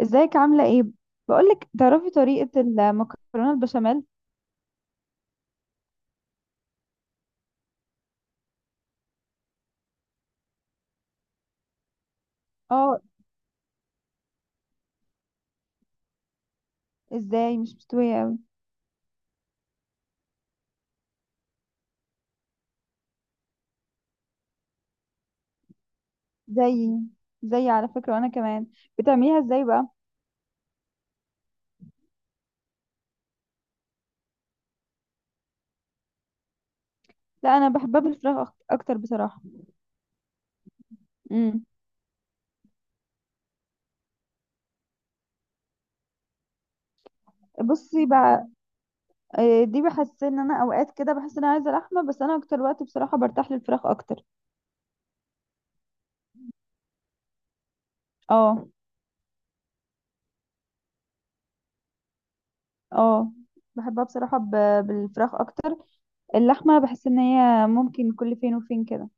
ازيك؟ عاملة ايه؟ بقولك، تعرفي طريقة المكرونة البشاميل؟ اه. ازاي مش مستوية اوي؟ زي زي على فكرة، وانا كمان. بتعمليها ازاي بقى؟ لا، انا بحبها بالفراخ اكتر بصراحة. امم. بصي بقى، دي بحس ان انا اوقات كده بحس ان انا عايزة لحمة، بس انا اكتر وقت بصراحة برتاح للفراخ اكتر. اه. اه، بحبها بصراحة بالفراخ اكتر. اللحمة بحس ان هي ممكن كل فين وفين كده.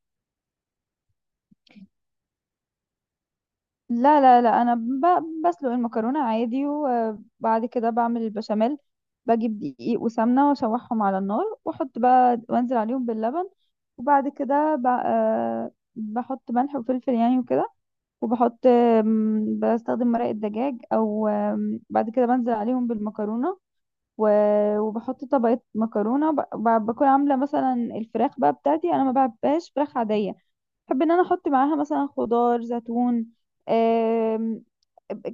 لا، انا بسلق المكرونه عادي، وبعد كده بعمل البشاميل. بجيب دقيق وسمنه واشوحهم على النار، واحط بقى وانزل عليهم باللبن. وبعد كده بحط ملح وفلفل يعني وكده. وبحط بستخدم مرق الدجاج، او بعد كده بنزل عليهم بالمكرونه. وبحط طبقه مكرونه، بكون عامله مثلا الفراخ بقى. بتاعتي انا ما بحبهاش فراخ عاديه، بحب ان انا احط معاها مثلا خضار، زيتون، آم،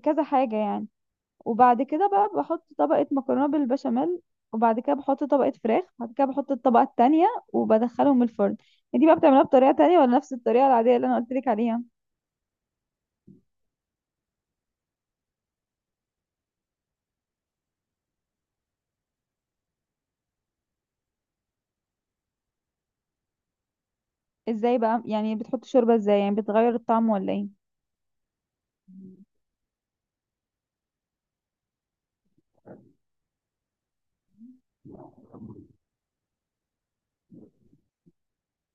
كذا حاجة يعني. وبعد كده بقى بحط طبقة مكرونة بالبشاميل، وبعد كده بحط طبقة فراخ، وبعد كده بحط الطبقة التانية، وبدخلهم الفرن. دي بقى بتعملها بطريقة تانية، ولا نفس الطريقة العادية اللي انا قلت لك عليها؟ ازاي بقى يعني؟ بتحط شوربة ازاي يعني؟ بتغير الطعم ولا ايه؟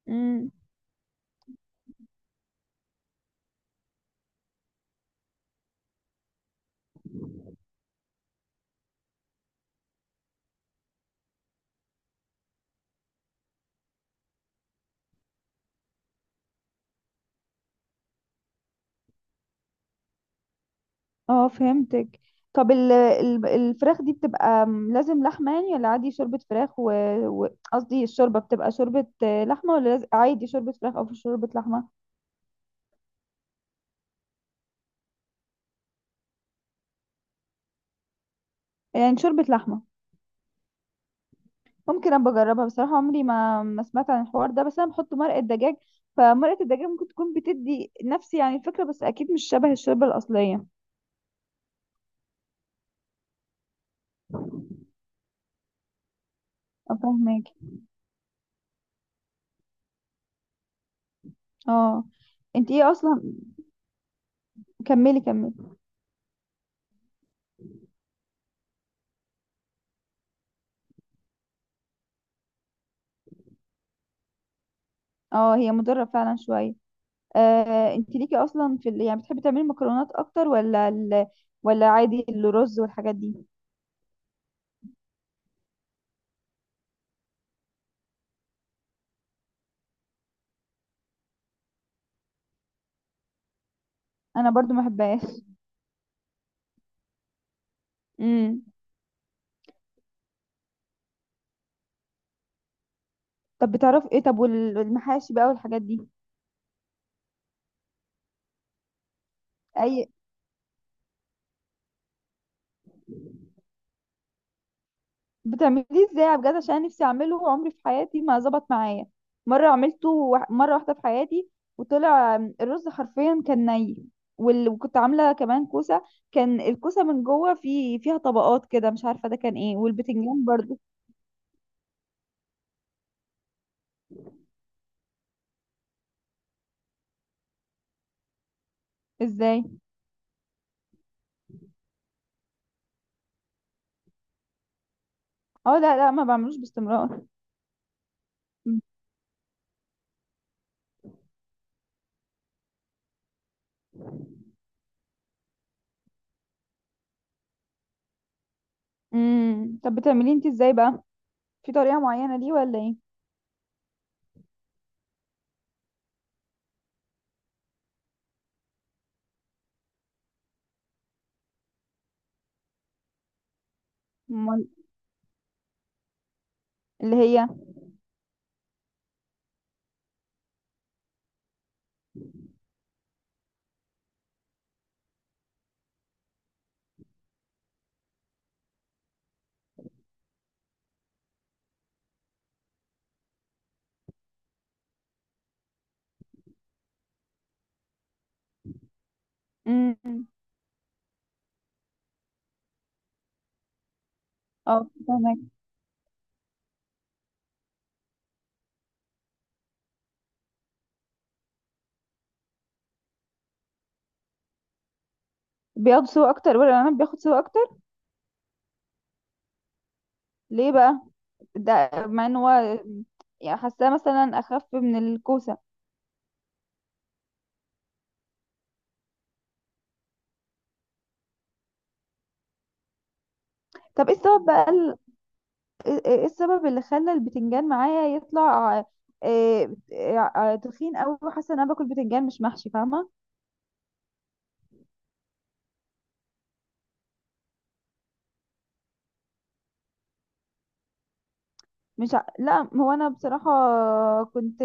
امم. اه، فهمتك. طب الفراخ دي بتبقى لازم لحمة يعني، ولا عادي شوربة فراخ؟ و قصدي الشوربة بتبقى شوربة لحمة، ولا عادي شوربة فراخ أو شوربة لحمة؟ يعني شوربة لحمة. ممكن أبقى أجربها بصراحة، عمري ما ما سمعت عن الحوار ده، بس أنا بحط مرقة دجاج. فمرقة الدجاج ممكن تكون بتدي نفس يعني الفكرة، بس أكيد مش شبه الشوربة الأصلية. أفهمك. اه. انت ايه اصلا؟ كملي، كملي. اه، هي مضرة فعلا شوية. انت ليكي اصلا في ال... يعني بتحبي تعملي المكرونات اكتر، ولا ال... ولا عادي الرز والحاجات دي؟ انا برضو ما بحبهاش. امم. طب بتعرفي ايه؟ طب والمحاشي بقى والحاجات دي؟ اي. بتعمليه ازاي بجد؟ عشان أنا نفسي اعمله، عمري في حياتي ما ظبط معايا. مره عملته مره واحده في حياتي، وطلع الرز حرفيا كان ني. وال... وكنت عامله كمان كوسه. كان الكوسه من جوه في فيها طبقات كده، مش عارفه ده كان ايه، والبتنجان برضو. ازاي؟ اه، لا، ما بعملوش باستمرار. امم. طب بتعمليه انت ازاي بقى؟ في طريقة معينة ليه ولا ايه؟ أمال اللي هي؟ امم. اه، فهمك. بياخد سوا اكتر، ولا انا بياخد سوا اكتر؟ ليه بقى؟ ده مع ان هو يعني حاساه مثلا اخف من الكوسة. طب ايه السبب بقى ايه؟ إيه السبب اللي خلى البتنجان معايا يطلع تخين قوي، وحاسه ان انا باكل بتنجان مش محشي، فاهمة؟ مش ع... لا، هو انا بصراحه كنت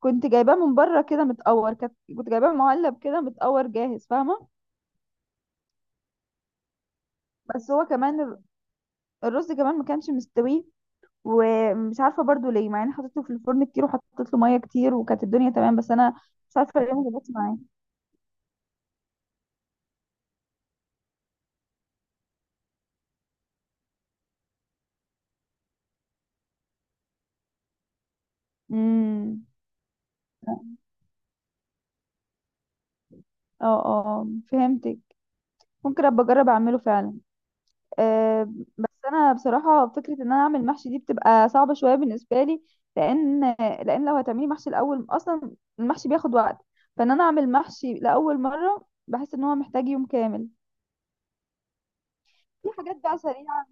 كنت جايباه من بره كده متقور، كنت جايباه معلب كده متقور جاهز، فاهمه؟ بس هو كمان الرز كمان ما كانش مستوي، ومش عارفه برضو ليه، مع اني حطيته في الفرن كتير وحطيت له ميه كتير، وكانت الدنيا تمام، بس انا مش عارفه ليه ما ظبطش معايا. امم. اه اه، فهمتك. ممكن ابقى اجرب اعمله فعلا. آه، بس انا بصراحه فكره ان انا اعمل محشي دي بتبقى صعبه شويه بالنسبه لي. لان لو هتعملي محشي الاول اصلا، المحشي بياخد وقت. فان انا اعمل محشي لاول مره بحس ان هو محتاج يوم كامل. في حاجات بقى سريعه.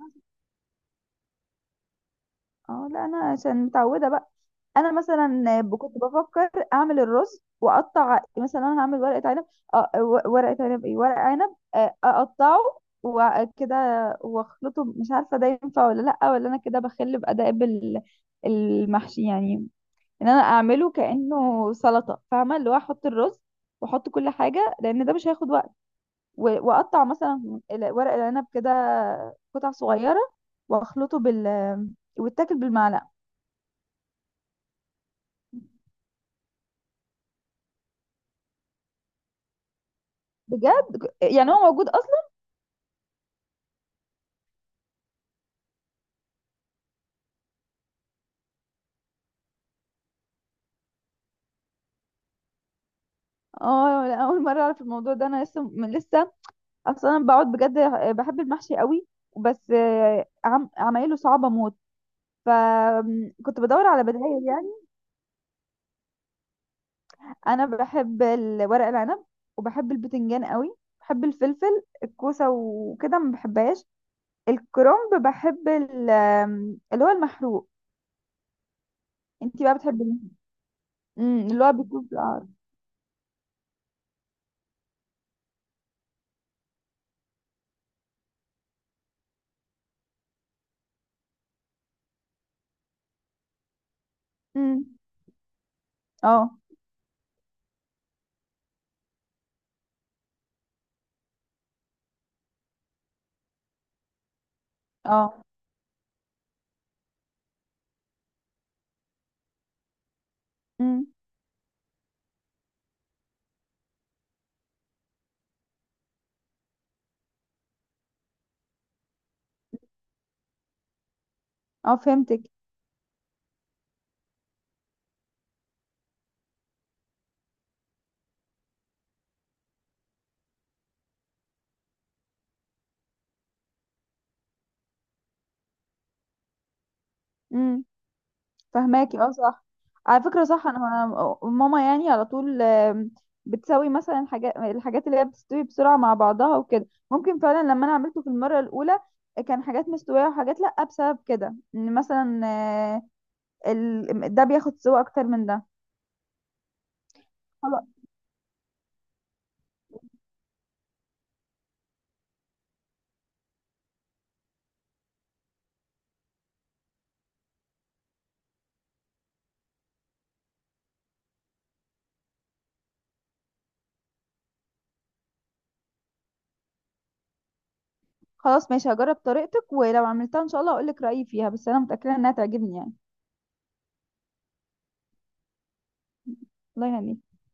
اه، لا، انا عشان متعوده بقى. انا مثلا كنت بفكر اعمل الرز واقطع، مثلا انا هعمل ورقه عنب، ورقه عنب، ايه، ورق عنب اقطعه وكده، واخلطه. مش عارفه ده ينفع ولا لا، ولا انا كده بخل باداب المحشي يعني، ان انا اعمله كانه سلطه، فاهمه؟ اللي هو احط الرز واحط كل حاجه، لان ده مش هياخد وقت. واقطع مثلا ورق العنب كده قطع صغيره، واخلطه بال، ويتاكل بالمعلقه. بجد؟ يعني هو موجود اصلا؟ اه، لا، اول مره اعرف الموضوع ده. انا لسه من لسه اصلا، أنا بقعد بجد، بحب المحشي قوي، بس عمايله صعبه موت، فكنت بدور على بدائل يعني. انا بحب ورق العنب، وبحب البتنجان قوي. بحب الفلفل. الكوسه وكده ما بحبهاش. الكرنب بحب ال... اللي هو المحروق. انتي بقى بتحبي مين؟ مم، اللي هو بيكون في العرض. مم. اه. اه. مم. اه، فهمتك. فهماكي، اه، صح. على فكرة صح، انا أنا ماما يعني على طول بتسوي مثلا حاجات، الحاجات اللي هي بتستوي بسرعة مع بعضها وكده. ممكن فعلا لما انا عملته في المرة الاولى كان حاجات مستوية وحاجات لا، بسبب كده ان مثلا ده بياخد سوا اكتر من ده. خلاص. خلاص، ماشي، هجرب طريقتك، ولو عملتها ان شاء الله هقولك رأيي فيها، بس انا متأكدة انها تعجبني يعني. الله يهنيك.